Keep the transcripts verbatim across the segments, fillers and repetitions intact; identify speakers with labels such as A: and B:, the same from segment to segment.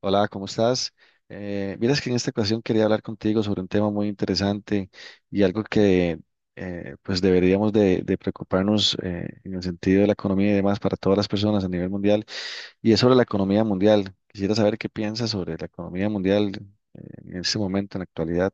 A: Hola, ¿cómo estás? Eh, vieras que en esta ocasión quería hablar contigo sobre un tema muy interesante y algo que eh, pues deberíamos de, de preocuparnos, eh, en el sentido de la economía y demás para todas las personas a nivel mundial, y es sobre la economía mundial. Quisiera saber qué piensas sobre la economía mundial eh, en este momento, en la actualidad.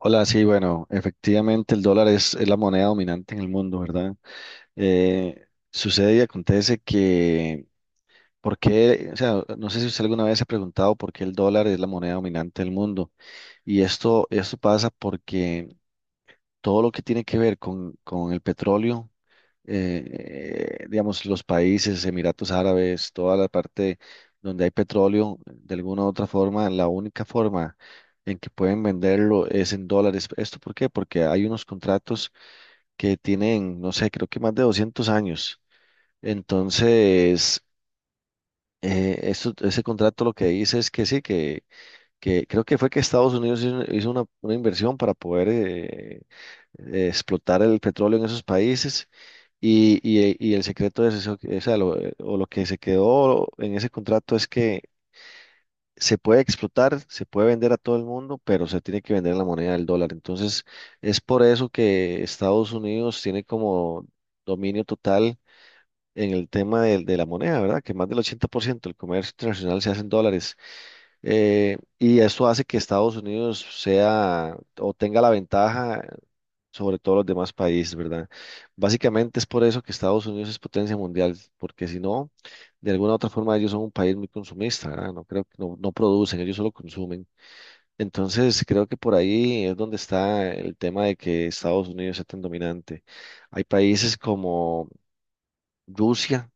A: Hola, sí, bueno, efectivamente el dólar es, es la moneda dominante en el mundo, ¿verdad? Eh, Sucede y acontece que ¿por qué? O sea, no sé si usted alguna vez se ha preguntado por qué el dólar es la moneda dominante del mundo. Y esto, esto pasa porque todo lo que tiene que ver con, con el petróleo, eh, eh, digamos, los países, Emiratos Árabes, toda la parte donde hay petróleo, de alguna u otra forma, la única forma en que pueden venderlo es en dólares. ¿Esto por qué? Porque hay unos contratos que tienen, no sé, creo que más de doscientos años. Entonces, eh, eso- ese contrato lo que dice es que sí, que, que creo que fue que Estados Unidos hizo, hizo una, una inversión para poder eh, eh, explotar el petróleo en esos países y, y- y el secreto es eso, que, o sea, lo, eh, o lo que se quedó en ese contrato es que se puede explotar, se puede vender a todo el mundo, pero se tiene que vender en la moneda del dólar. Entonces, es por eso que Estados Unidos tiene como dominio total en el tema de, de la moneda, ¿verdad? Que más del ochenta por ciento del comercio internacional se hace en dólares, eh, y esto hace que Estados Unidos sea o tenga la ventaja sobre todos los demás países, ¿verdad? Básicamente es por eso que Estados Unidos es potencia mundial, porque si no, de alguna u otra forma ellos son un país muy consumista, ¿verdad? No, creo que no, no producen, ellos solo consumen. Entonces, creo que por ahí es donde está el tema de que Estados Unidos sea tan dominante. Hay países como Rusia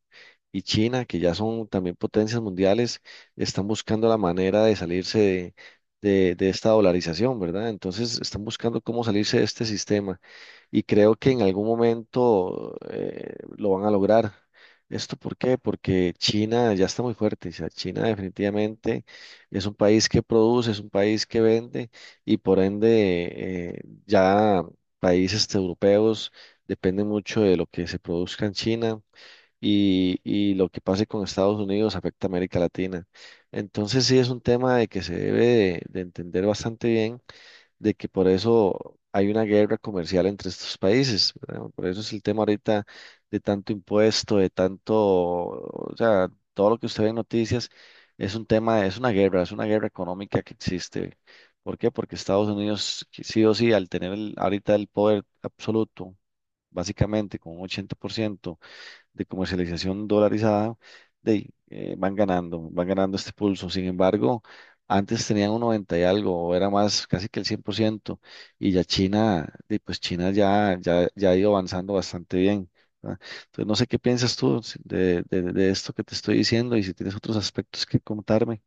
A: y China, que ya son también potencias mundiales, están buscando la manera de salirse de, de- de esta dolarización, ¿verdad? Entonces están buscando cómo salirse de este sistema y creo que en algún momento, eh, lo van a lograr. ¿Esto por qué? Porque China ya está muy fuerte. O sea, China definitivamente es un país que produce, es un país que vende, y por ende, eh, ya países este, europeos, dependen mucho de lo que se produzca en China, y, y lo que pase con Estados Unidos afecta a América Latina. Entonces sí es un tema de que se debe de, de entender bastante bien, de que por eso hay una guerra comercial entre estos países, ¿verdad? Por eso es el tema ahorita de tanto impuesto, de tanto, o sea, todo lo que usted ve en noticias es un tema, es una guerra, es una guerra económica que existe. ¿Por qué? Porque Estados Unidos sí o sí, al tener el- ahorita el poder absoluto, básicamente con un ochenta por ciento de comercialización dolarizada, de, ahí, eh, van ganando, van ganando este pulso. Sin embargo, antes tenían un noventa y algo, o era más casi que el cien por ciento, y ya China, de, pues China ya, ya, ya ha ido avanzando bastante bien. ¿Verdad? Entonces, no sé qué piensas tú si, de, de, de esto que te estoy diciendo y si tienes otros aspectos que contarme.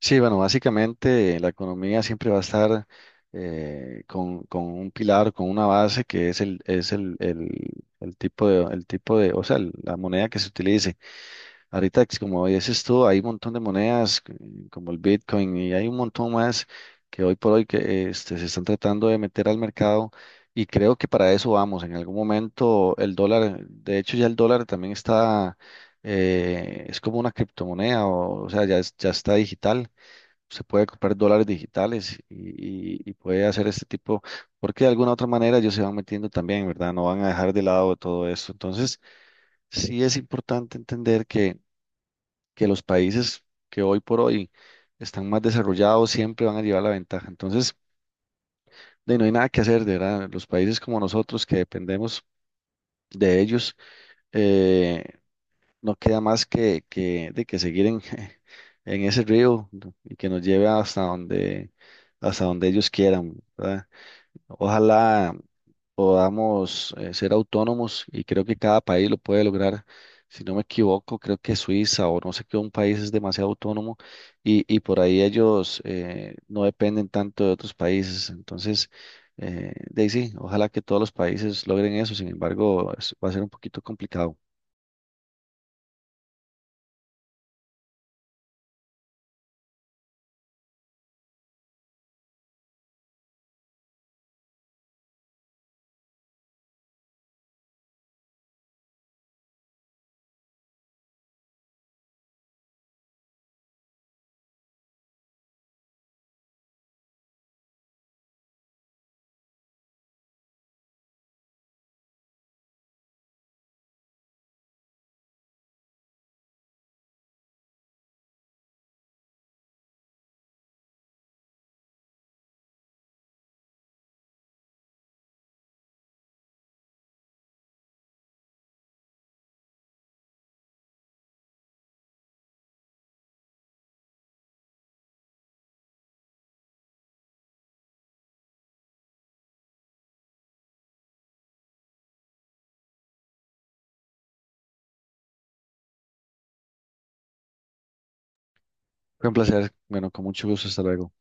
A: Sí, bueno, básicamente la economía siempre va a estar, eh, con, con un pilar, con una base que es el, es el, el, el tipo de, el tipo de, o sea, el- la moneda que se utilice. Ahorita, ex- como dices tú, hay un montón de monedas, eh, como el Bitcoin, y hay un montón más que hoy por hoy que eh, este, se están tratando de meter al mercado, y creo que para eso vamos. En algún momento el dólar, de hecho ya el dólar también está, eh, es como una criptomoneda, o, o sea, ya, es- ya está digital. Se puede comprar dólares digitales y, y- y puede hacer este tipo, porque de alguna otra manera ellos se van metiendo también, ¿verdad? No van a dejar de lado todo esto. Entonces, sí es importante entender que, que los países que hoy por hoy están más desarrollados siempre van a llevar la ventaja. Entonces, de, no hay nada que hacer, de verdad. Los países como nosotros que dependemos de ellos, eh, no queda más que, que, de que seguir en, en ese río, ¿no?, y que nos lleve hasta donde, hasta donde ellos quieran, ¿verdad? Ojalá podamos, eh, ser autónomos, y creo que cada país lo puede lograr. Si no me equivoco, creo que Suiza o no sé qué, un país es demasiado autónomo, y, y por ahí ellos, eh, no dependen tanto de otros países. Entonces, eh, de ahí sí, ojalá que todos los países logren eso. Sin embargo, es- va a ser un poquito complicado. Fue un placer. Bueno, con mucho gusto. Hasta luego.